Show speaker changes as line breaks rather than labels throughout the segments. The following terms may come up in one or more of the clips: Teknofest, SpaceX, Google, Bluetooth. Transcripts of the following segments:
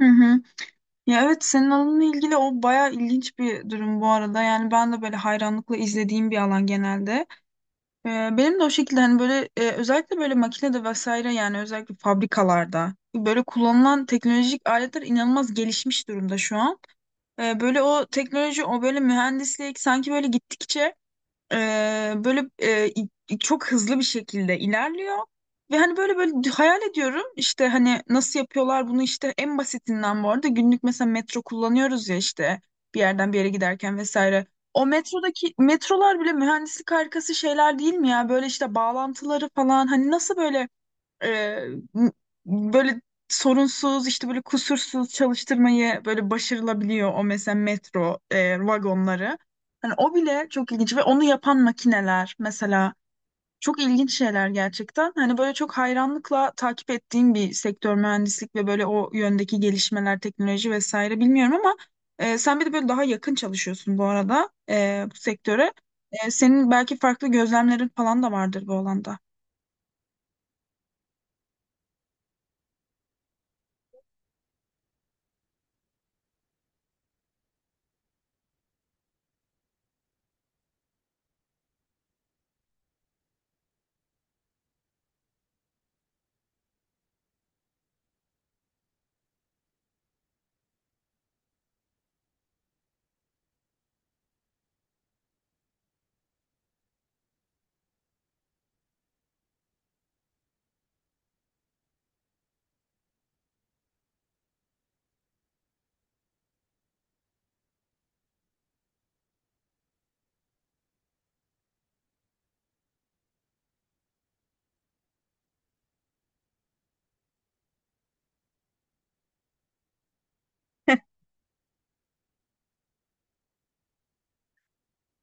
Hı hı. Ya evet, senin alanınla ilgili o bayağı ilginç bir durum bu arada. Yani ben de böyle hayranlıkla izlediğim bir alan genelde. Ee, Benim de o şekilde hani böyle özellikle böyle makinede vesaire, yani özellikle fabrikalarda böyle kullanılan teknolojik aletler inanılmaz gelişmiş durumda şu an. Böyle o teknoloji, o böyle mühendislik sanki böyle gittikçe böyle çok hızlı bir şekilde ilerliyor. Ve hani böyle böyle hayal ediyorum işte hani nasıl yapıyorlar bunu, işte en basitinden, bu arada günlük mesela metro kullanıyoruz ya işte, bir yerden bir yere giderken vesaire. O metrodaki metrolar bile mühendislik harikası şeyler değil mi ya? Böyle işte bağlantıları falan, hani nasıl böyle ee, böyle sorunsuz, işte böyle kusursuz çalıştırmayı böyle başarılabiliyor o mesela metro vagonları. Hani o bile çok ilginç ve onu yapan makineler mesela çok ilginç şeyler gerçekten. Hani böyle çok hayranlıkla takip ettiğim bir sektör mühendislik ve böyle o yöndeki gelişmeler, teknoloji vesaire, bilmiyorum ama sen bir de böyle daha yakın çalışıyorsun bu arada bu sektöre. E, senin belki farklı gözlemlerin falan da vardır bu alanda.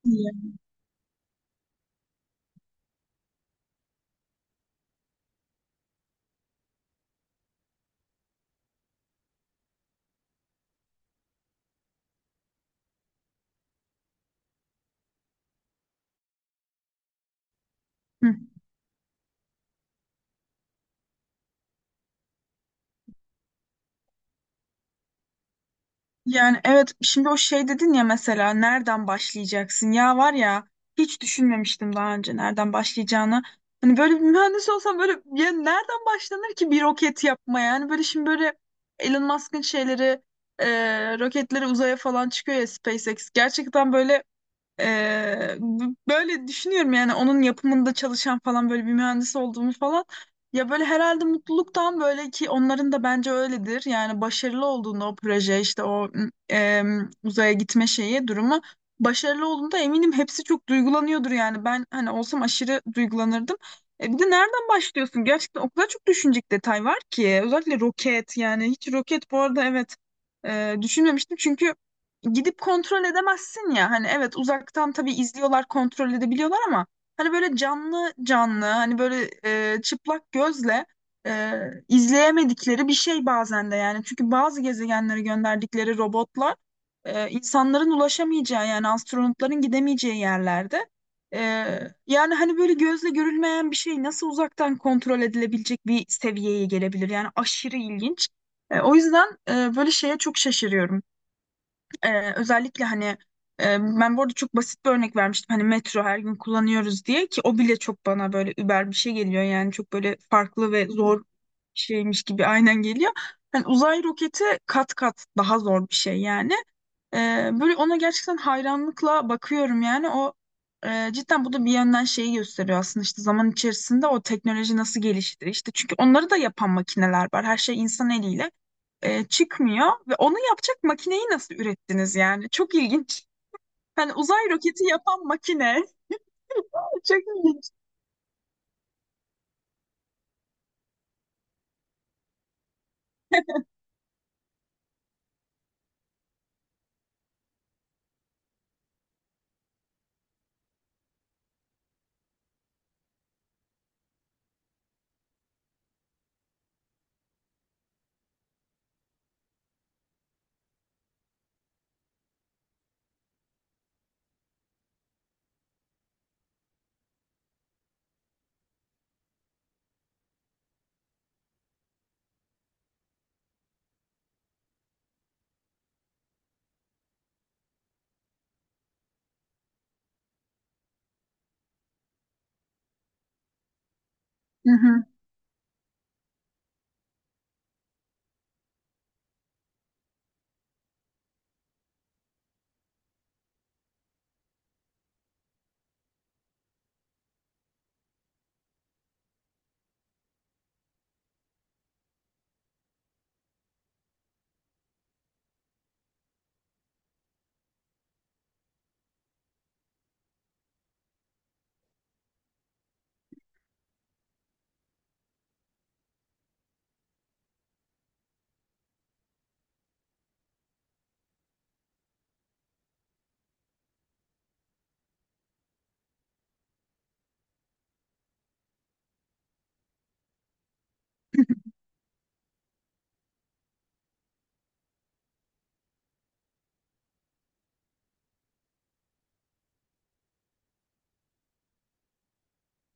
İyi. Hı. Yani evet, şimdi o şey dedin ya, mesela nereden başlayacaksın, ya var ya, hiç düşünmemiştim daha önce nereden başlayacağını. Hani böyle bir mühendis olsam, böyle ya nereden başlanır ki bir roket yapmaya? Yani böyle şimdi böyle Elon Musk'ın şeyleri, roketleri uzaya falan çıkıyor ya, SpaceX. Gerçekten böyle, böyle düşünüyorum yani onun yapımında çalışan falan, böyle bir mühendis olduğumu falan. Ya böyle herhalde mutluluktan, böyle ki onların da bence öyledir. Yani başarılı olduğunda o proje, işte o uzaya gitme şeyi durumu başarılı olduğunda, eminim hepsi çok duygulanıyordur yani. Ben hani olsam aşırı duygulanırdım. E bir de nereden başlıyorsun? Gerçekten o kadar çok düşünecek detay var ki. Özellikle roket, yani hiç roket bu arada evet düşünmemiştim, çünkü gidip kontrol edemezsin ya. Hani evet, uzaktan tabii izliyorlar, kontrol edebiliyorlar ama hani böyle canlı canlı, hani böyle çıplak gözle e, izleyemedikleri bir şey bazen de yani. Çünkü bazı gezegenlere gönderdikleri robotlar insanların ulaşamayacağı, yani astronotların gidemeyeceği yerlerde. E, Yani hani böyle gözle görülmeyen bir şey nasıl uzaktan kontrol edilebilecek bir seviyeye gelebilir? Yani aşırı ilginç. E, o yüzden böyle şeye çok şaşırıyorum. Özellikle hani ben bu arada çok basit bir örnek vermiştim. Hani metro her gün kullanıyoruz diye, ki o bile çok bana böyle über bir şey geliyor. Yani çok böyle farklı ve zor bir şeymiş gibi aynen geliyor. Hani uzay roketi kat kat daha zor bir şey yani. Böyle ona gerçekten hayranlıkla bakıyorum yani, o cidden bu da bir yönden şeyi gösteriyor aslında, işte zaman içerisinde o teknoloji nasıl gelişti işte, çünkü onları da yapan makineler var, her şey insan eliyle çıkmıyor ve onu yapacak makineyi nasıl ürettiniz yani? Çok ilginç. Hani uzay roketi yapan makine. Çok ilginç. Hı hı.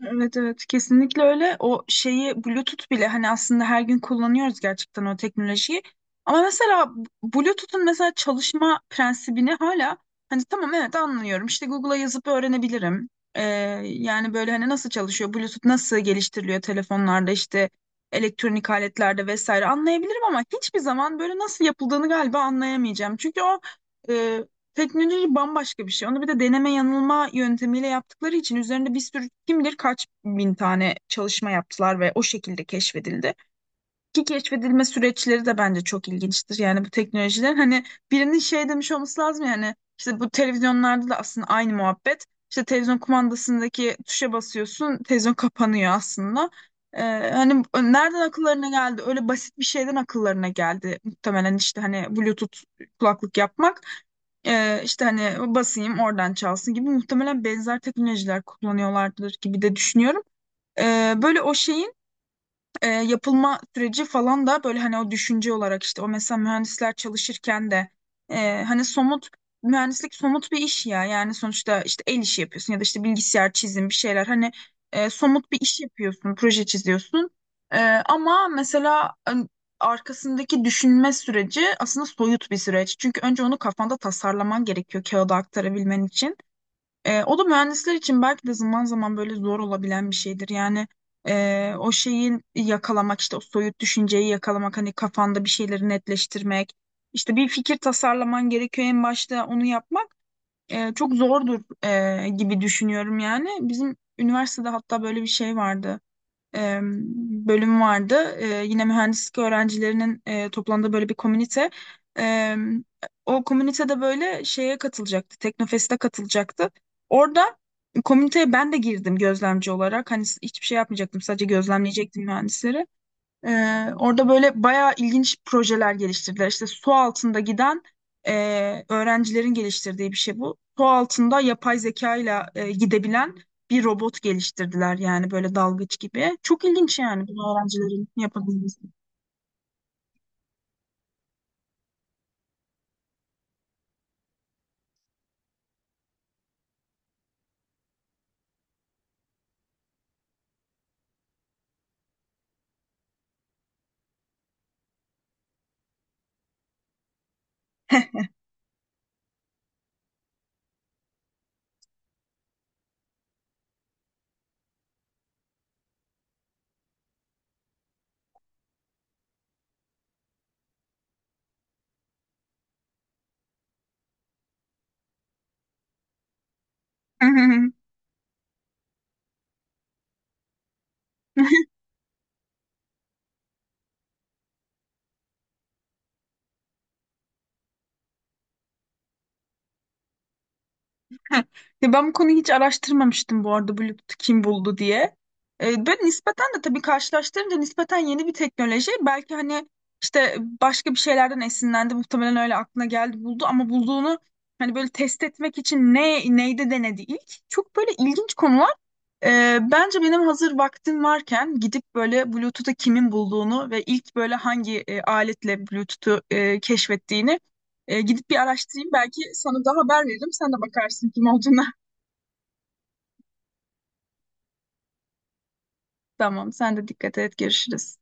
Evet evet, kesinlikle öyle. O şeyi, Bluetooth bile hani, aslında her gün kullanıyoruz gerçekten o teknolojiyi. Ama mesela Bluetooth'un mesela çalışma prensibini hala, hani tamam evet, anlıyorum. İşte Google'a yazıp öğrenebilirim. Ee, Yani böyle hani nasıl çalışıyor, Bluetooth nasıl geliştiriliyor telefonlarda, işte elektronik aletlerde vesaire anlayabilirim ama hiçbir zaman böyle nasıl yapıldığını galiba anlayamayacağım. Çünkü o teknoloji bambaşka bir şey. Onu bir de deneme yanılma yöntemiyle yaptıkları için, üzerinde bir sürü kim bilir kaç bin tane çalışma yaptılar ve o şekilde keşfedildi ki keşfedilme süreçleri de bence çok ilginçtir. Yani bu teknolojiler, hani birinin şey demiş olması lazım yani, işte bu televizyonlarda da aslında aynı muhabbet. İşte televizyon kumandasındaki tuşa basıyorsun, televizyon kapanıyor aslında. Ee, Hani nereden akıllarına geldi? Öyle basit bir şeyden akıllarına geldi. Muhtemelen işte hani Bluetooth kulaklık yapmak. İşte hani basayım oradan çalsın gibi, muhtemelen benzer teknolojiler kullanıyorlardır gibi de düşünüyorum. Böyle o şeyin yapılma süreci falan da, böyle hani o düşünce olarak, işte o mesela mühendisler çalışırken de hani somut, mühendislik somut bir iş ya, yani sonuçta işte el işi yapıyorsun ya da işte bilgisayar çizim bir şeyler, hani somut bir iş yapıyorsun, proje çiziyorsun. E, ama mesela hani arkasındaki düşünme süreci aslında soyut bir süreç, çünkü önce onu kafanda tasarlaman gerekiyor kağıda aktarabilmen için. E, o da mühendisler için belki de zaman zaman böyle zor olabilen bir şeydir. Yani o şeyin yakalamak, işte o soyut düşünceyi yakalamak, hani kafanda bir şeyleri netleştirmek, işte bir fikir tasarlaman gerekiyor en başta, onu yapmak çok zordur gibi düşünüyorum yani. Bizim üniversitede hatta böyle bir şey vardı, e, bölüm vardı. E, yine mühendislik öğrencilerinin toplandığı böyle bir komünite. E, O komünitede böyle şeye katılacaktı. Teknofest'e katılacaktı. Orada komüniteye ben de girdim gözlemci olarak. Hani hiçbir şey yapmayacaktım. Sadece gözlemleyecektim mühendisleri. Orada böyle bayağı ilginç projeler geliştirdiler. İşte su altında giden e, öğrencilerin geliştirdiği bir şey bu. Su altında yapay zeka ile gidebilen bir robot geliştirdiler, yani böyle dalgıç gibi. Çok ilginç yani bunu öğrencilerin yapabilmesi. Heh. Ya ben bu konuyu hiç araştırmamıştım bu arada, Bluetooth kim buldu diye. Böyle nispeten de tabii karşılaştırınca nispeten yeni bir teknoloji. Belki hani işte başka bir şeylerden esinlendi, muhtemelen öyle aklına geldi, buldu ama bulduğunu hani böyle test etmek için ne neyde denedi ilk. Çok böyle ilginç konular. Bence benim hazır vaktim varken gidip böyle Bluetooth'u kimin bulduğunu ve ilk böyle hangi aletle Bluetooth'u keşfettiğini gidip bir araştırayım. Belki sana da haber veririm. Sen de bakarsın kim olduğuna. Tamam, sen de dikkat et. Görüşürüz.